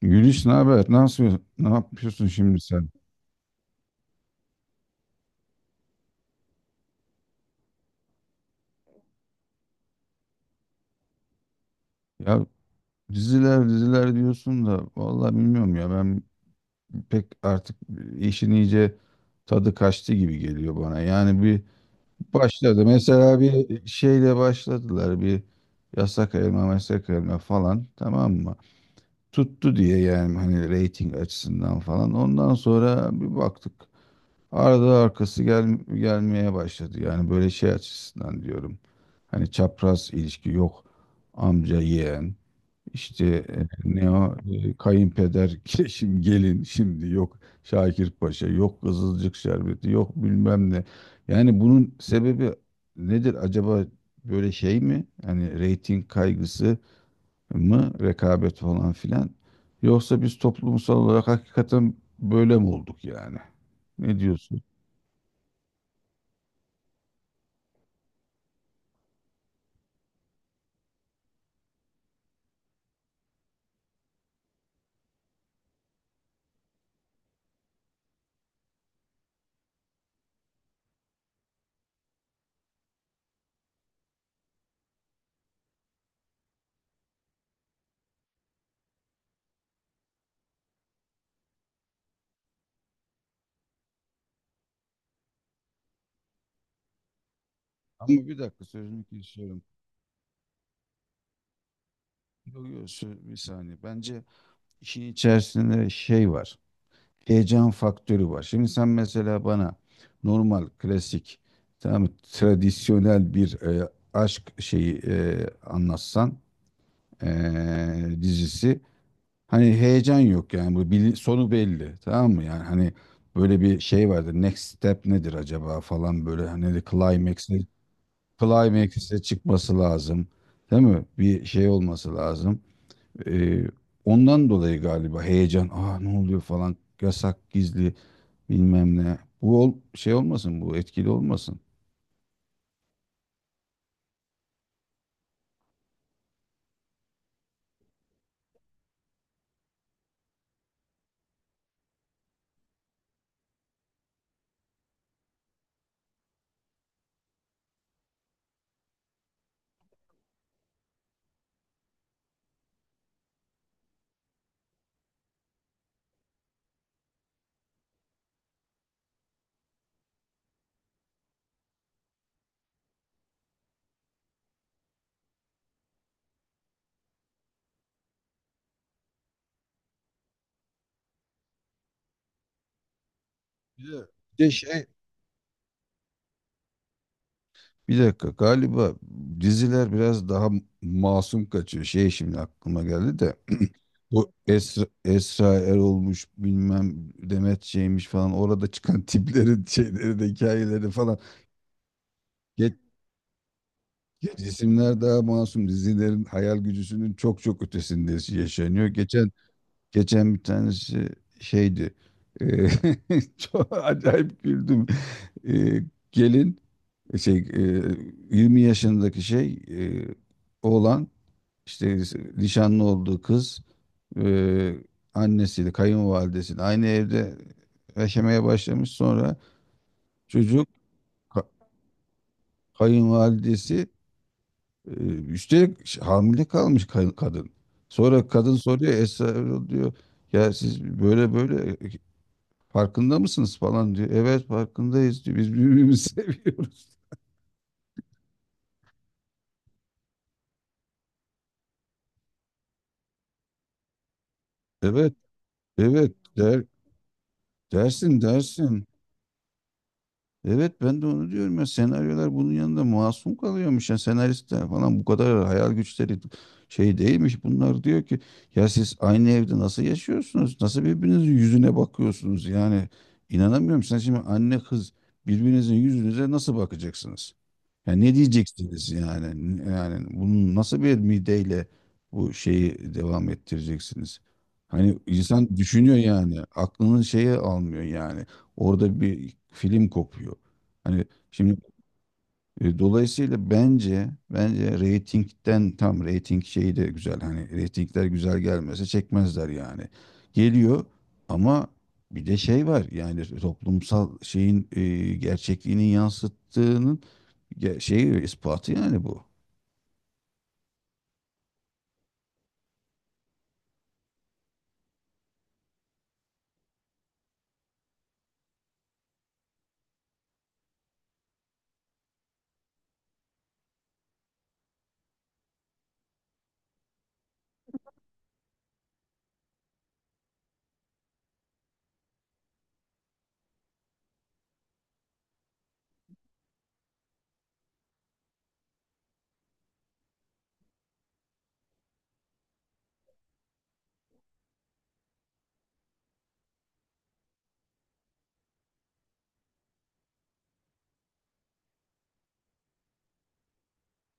Güliş ne haber? Nasıl yapıyorsun? Ne yapıyorsun şimdi sen? Ya diziler diziler diyorsun da vallahi bilmiyorum ya ben pek artık işin iyice tadı kaçtı gibi geliyor bana. Yani bir başladı. Mesela bir şeyle başladılar bir yasak elma meslek elma falan, tamam mı? Tuttu diye yani hani reyting açısından falan. Ondan sonra bir baktık. Arada arkası gelmeye başladı. Yani böyle şey açısından diyorum. Hani çapraz ilişki yok. Amca yeğen. İşte ne o kayınpeder şimdi gelin şimdi yok, Şakir Paşa yok, Kızılcık şerbeti yok, bilmem ne. Yani bunun sebebi nedir acaba, böyle şey mi? Hani reyting kaygısı mı, rekabet falan filan, yoksa biz toplumsal olarak hakikaten böyle mi olduk yani? Ne diyorsun? Ama bir dakika, sözünü kesiyorum. Yok yok, bir saniye. Bence işin içerisinde şey var. Heyecan faktörü var. Şimdi sen mesela bana normal, klasik, tamam mı, tradisyonel bir aşk şeyi anlatsan e, dizisi. Hani heyecan yok yani, bu sonu belli. Tamam mı? Yani hani böyle bir şey vardır. Next step nedir acaba falan, böyle hani climax Playmakers'e çıkması lazım. Değil mi? Bir şey olması lazım. Ee, ondan dolayı galiba heyecan. Ne oluyor falan. Yasak, gizli bilmem ne. Bu şey olmasın, bu etkili olmasın. Bir de, bir de şey, bir dakika, galiba diziler biraz daha masum kaçıyor. Şey, şimdi aklıma geldi de bu Esra Erol'muş, bilmem Demet şeymiş falan, orada çıkan tiplerin şeyleri de hikayeleri falan. Ya cisimler daha masum. Dizilerin hayal gücüsünün çok çok ötesinde yaşanıyor. Geçen bir tanesi şeydi. Eee, Çok acayip güldüm. Eee, gelin şey, 20 yaşındaki şey, oğlan, işte nişanlı olduğu kız, eee annesiyle, kayınvalidesiyle aynı evde yaşamaya başlamış. Sonra çocuk, ka- kayınvalidesi. Üstelik hamile kalmış kadın. Sonra kadın soruyor, Esra Erol diyor, ya siz böyle böyle, farkında mısınız falan diyor. Evet farkındayız diyor. Biz birbirimizi seviyoruz. Evet evet, der, dersin dersin. Evet, ben de onu diyorum ya, senaryolar bunun yanında masum kalıyormuş, ya senaristler falan bu kadar hayal güçleri şey değilmiş. Bunlar diyor ki ya siz aynı evde nasıl yaşıyorsunuz? Nasıl birbirinizin yüzüne bakıyorsunuz? Yani inanamıyorum, sen şimdi anne kız birbirinizin yüzünüze nasıl bakacaksınız? Yani ne diyeceksiniz yani? Yani bunun nasıl bir mideyle bu şeyi devam ettireceksiniz? Hani insan düşünüyor yani, aklının şeye almıyor yani. Orada bir film kopuyor. Hani şimdi, dolayısıyla bence reytingden, tam reyting şeyi de güzel. Hani reytingler güzel gelmese çekmezler yani. Geliyor ama bir de şey var. Yani toplumsal şeyin, gerçekliğini yansıttığının şeyi, ispatı yani bu.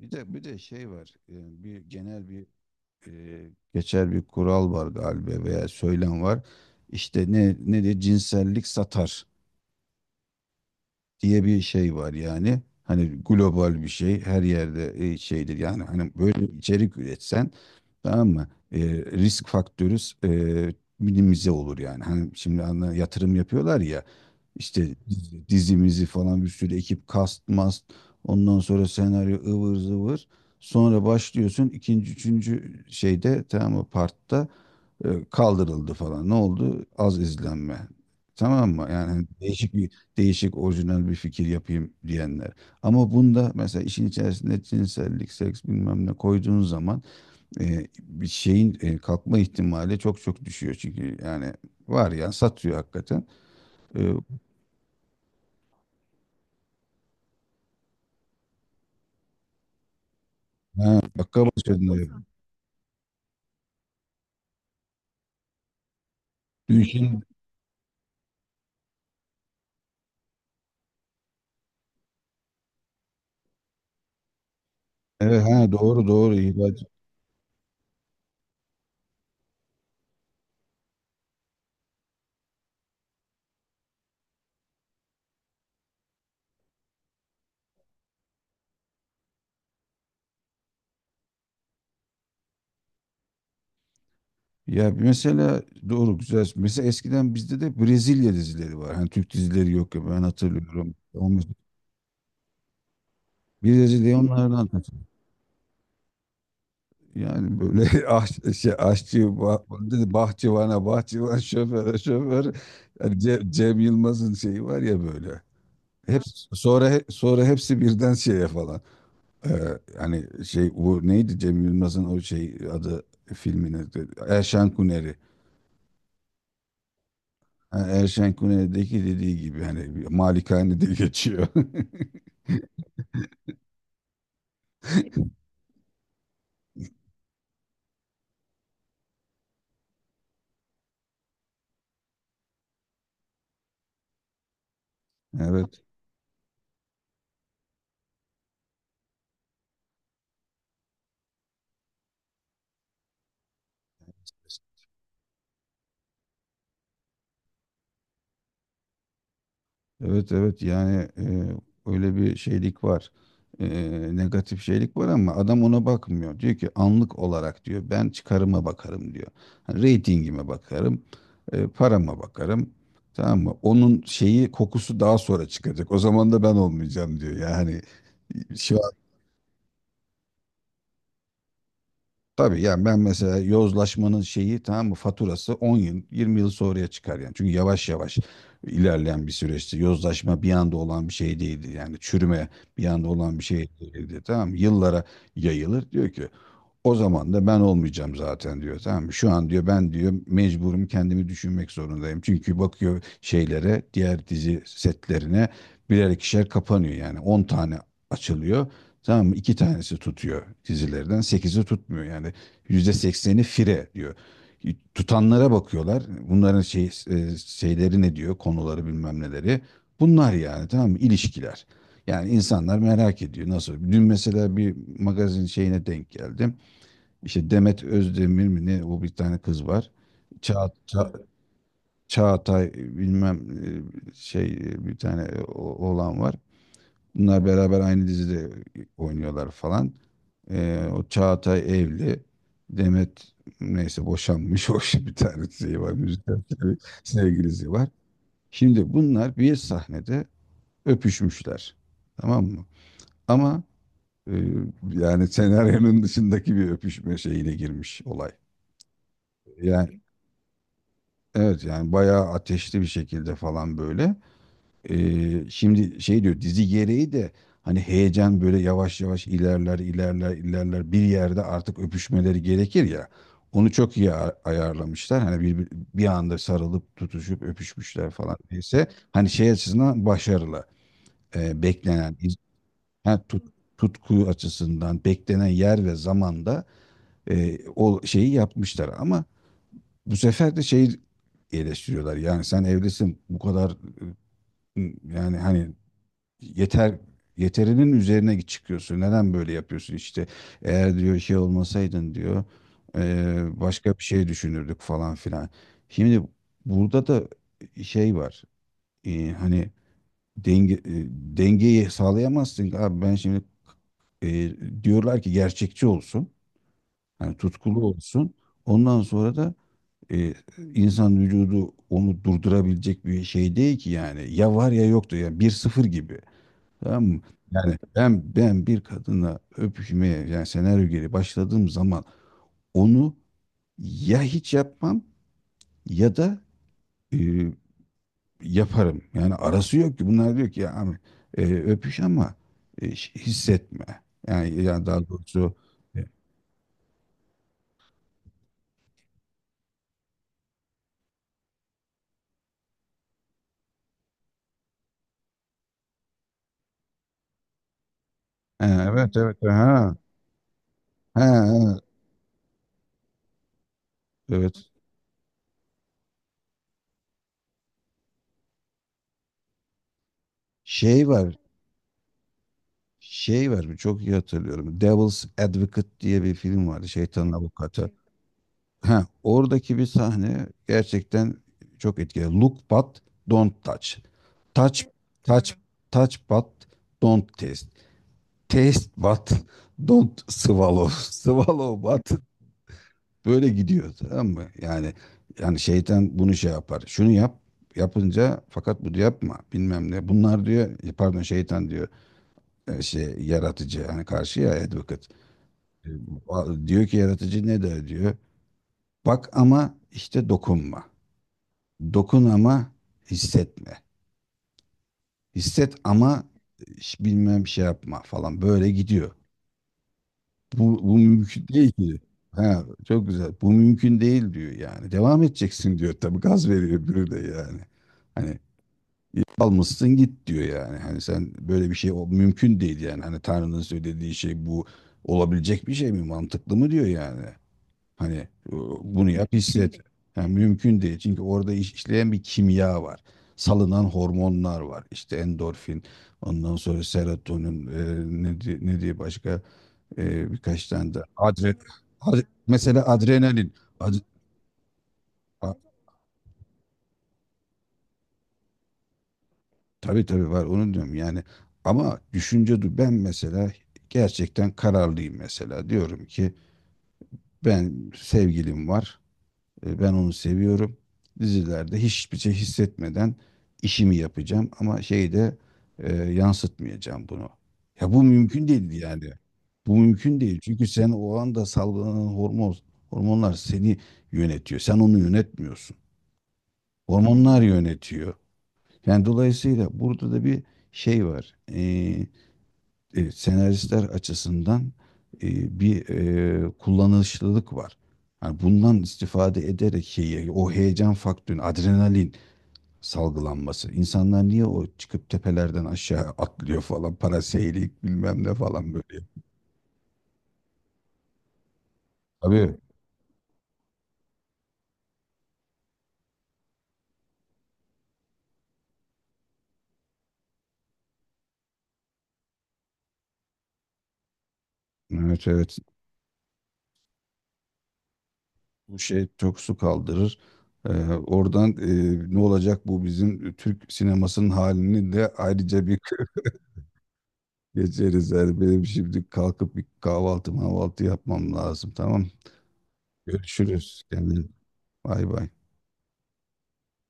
Bir de şey var. Bir genel bir, e, geçer bir kural var galiba, veya söylem var. İşte ne ne de cinsellik satar diye bir şey var yani. Hani global bir şey her yerde, şeydir yani, hani böyle bir içerik üretsen tamam mı? Risk faktörü, e, minimize olur yani. Hani şimdi yatırım yapıyorlar ya, işte dizimizi falan, bir sürü ekip kast mast, ondan sonra senaryo ıvır zıvır, sonra başlıyorsun ikinci üçüncü şeyde, tamam mı, partta kaldırıldı falan. Ne oldu? Az izlenme. Tamam mı? Yani hani değişik orijinal bir fikir yapayım diyenler. Ama bunda mesela işin içerisinde cinsellik, seks bilmem ne koyduğun zaman bir şeyin kalkma ihtimali çok çok düşüyor. Çünkü yani var ya, satıyor hakikaten. E, ha, dakika başında, dün, şimdi, evet, doğru doğru, ihraç. Ya mesela, doğru, güzel. Mesela eskiden bizde de Brezilya dizileri var. Hani Türk dizileri yok ya, ben hatırlıyorum. Bir de onlardan kaçın. Yani böyle şey, aşçı, dedi, bahçıvana, bahçıvan, şoföre, şoför. Yani Cem, Yılmaz'ın şeyi var ya böyle. Hepsi, sonra hepsi birden şeye falan. Ee, Hani şey, bu neydi Cem Yılmaz'ın o şey adı, filmin? Erşen Kuneri. Ha, Erşen Kuneri'deki dediği gibi, hani bir malikanede geçiyor. Evet. Evet evet yani, öyle bir şeylik var. E, Negatif şeylik var ama adam ona bakmıyor. Diyor ki anlık olarak diyor, ben çıkarıma bakarım diyor. Hani reytingime bakarım, parama bakarım. Tamam mı? Onun şeyi, kokusu daha sonra çıkacak. O zaman da ben olmayacağım diyor. Yani şu, tabii, yani ben mesela yozlaşmanın şeyi, tamam mı, faturası 10 yıl 20 yıl sonraya çıkar yani. Çünkü yavaş yavaş ilerleyen bir süreçti. Yozlaşma bir anda olan bir şey değildi. Yani çürüme bir anda olan bir şey değildi. Tamam mı? Yıllara yayılır. Diyor ki o zaman da ben olmayacağım zaten diyor. Tamam mı? Şu an diyor, ben diyor mecburum, kendimi düşünmek zorundayım. Çünkü bakıyor şeylere, diğer dizi setlerine, birer ikişer kapanıyor yani. 10 tane açılıyor. Tamam mı? 2 tanesi tutuyor dizilerden, 8'i tutmuyor yani. %80'i fire diyor. Tutanlara bakıyorlar. Bunların şey, şeyleri ne diyor? Konuları, bilmem neleri. Bunlar yani, tamam mı, İlişkiler. Yani insanlar merak ediyor nasıl. Dün mesela bir magazin şeyine denk geldim. İşte Demet Özdemir mi ne, o bir tane kız var. Ça Ça Çağatay bilmem, şey, bir tane oğlan var. Bunlar beraber aynı dizide oynuyorlar falan. O Çağatay evli. Demet neyse boşanmış. Hoş, bir tane şey var. Müzisyen bir sevgilisi var. Şimdi bunlar bir sahnede öpüşmüşler. Tamam mı? Ama e, yani senaryonun dışındaki bir öpüşme şeyine girmiş olay. Yani, evet, yani bayağı ateşli bir şekilde falan böyle. Şimdi şey diyor, dizi gereği de hani heyecan böyle yavaş yavaş ilerler ilerler ilerler, bir yerde artık öpüşmeleri gerekir ya. Onu çok iyi ayarlamışlar. Hani bir anda sarılıp tutuşup öpüşmüşler falan. Neyse, hani şey açısından başarılı. Beklenen iz- ha, tut- tutku açısından, beklenen yer ve zamanda o şeyi yapmışlar. Ama bu sefer de şey, eleştiriyorlar. Yani sen evlisin, bu kadar, yani hani yeter yeterinin üzerine çıkıyorsun. Neden böyle yapıyorsun işte? Eğer diyor şey olmasaydın diyor, başka bir şey düşünürdük falan filan. Şimdi burada da şey var. Hani denge, dengeyi sağlayamazsın ki. Abi ben şimdi, diyorlar ki gerçekçi olsun. Hani tutkulu olsun. Ondan sonra da e, insan vücudu onu durdurabilecek bir şey değil ki yani. Ya var ya yoktu yani, 1-0 gibi. Tamam mı? Yani ben bir kadına öpüşmeye, yani senaryo geri başladığım zaman onu ya hiç yapmam ya da e, yaparım. Yani arası yok ki. Bunlar diyor ki ya abi, öpüş ama, hissetme. Yani daha doğrusu, e, evet evet, ha, ha, ha, evet, şey var. Şey var, çok iyi hatırlıyorum. Devil's Advocate diye bir film vardı. Şeytanın avukatı. Ha, oradaki bir sahne gerçekten çok etkili. Look but don't touch. Touch, touch, touch but don't taste. Taste but don't swallow. Swallow but, böyle gidiyor, tamam mı? Yani şeytan bunu şey yapar. Şunu yap, yapınca fakat bunu yapma bilmem ne. Bunlar diyor, pardon şeytan diyor, şey, yaratıcı yani karşı, ya advocate. E, Diyor ki yaratıcı ne der diyor. Bak ama işte dokunma. Dokun ama hissetme. Hisset ama hiç bilmem şey yapma falan, böyle gidiyor. Bu mümkün değil ki. Ha, çok güzel. Bu mümkün değil diyor yani. Devam edeceksin diyor. Tabii gaz veriyor öbürü de yani. Hani almışsın git diyor yani. Hani sen böyle bir şey, o mümkün değil yani. Hani Tanrı'nın söylediği şey bu, olabilecek bir şey mi? Mantıklı mı diyor yani. Hani e, bunu yap, hisset. Yani mümkün değil. Çünkü orada işleyen bir kimya var. Salınan hormonlar var. İşte endorfin, ondan sonra serotonin, ne diye başka birkaç tane de mesela adrenalin. Ad, a- tabii tabii var, onu diyorum yani. Ama düşünce ben mesela gerçekten kararlıyım mesela. Diyorum ki ben, sevgilim var. Ben onu seviyorum. Dizilerde hiçbir şey hissetmeden işimi yapacağım, ama şeyde yansıtmayacağım bunu. Ya bu mümkün değil yani. Bu mümkün değil. Çünkü sen o anda salgılanan hormonlar seni yönetiyor. Sen onu yönetmiyorsun. Hormonlar yönetiyor. Yani dolayısıyla burada da bir şey var. Senaristler açısından bir kullanışlılık var. Yani bundan istifade ederek şeyi, o heyecan faktörü, adrenalin salgılanması. İnsanlar niye o çıkıp tepelerden aşağı atlıyor falan, paraseylik bilmem ne falan böyle. Tabii, evet evet. Bu şey çok su kaldırır. Oradan, ne olacak bu bizim Türk sinemasının halini de ayrıca bir geçeriz. Yani benim şimdi kalkıp bir kahvaltı mahvaltı yapmam lazım, tamam. Görüşürüz. Kendin. Bay bay.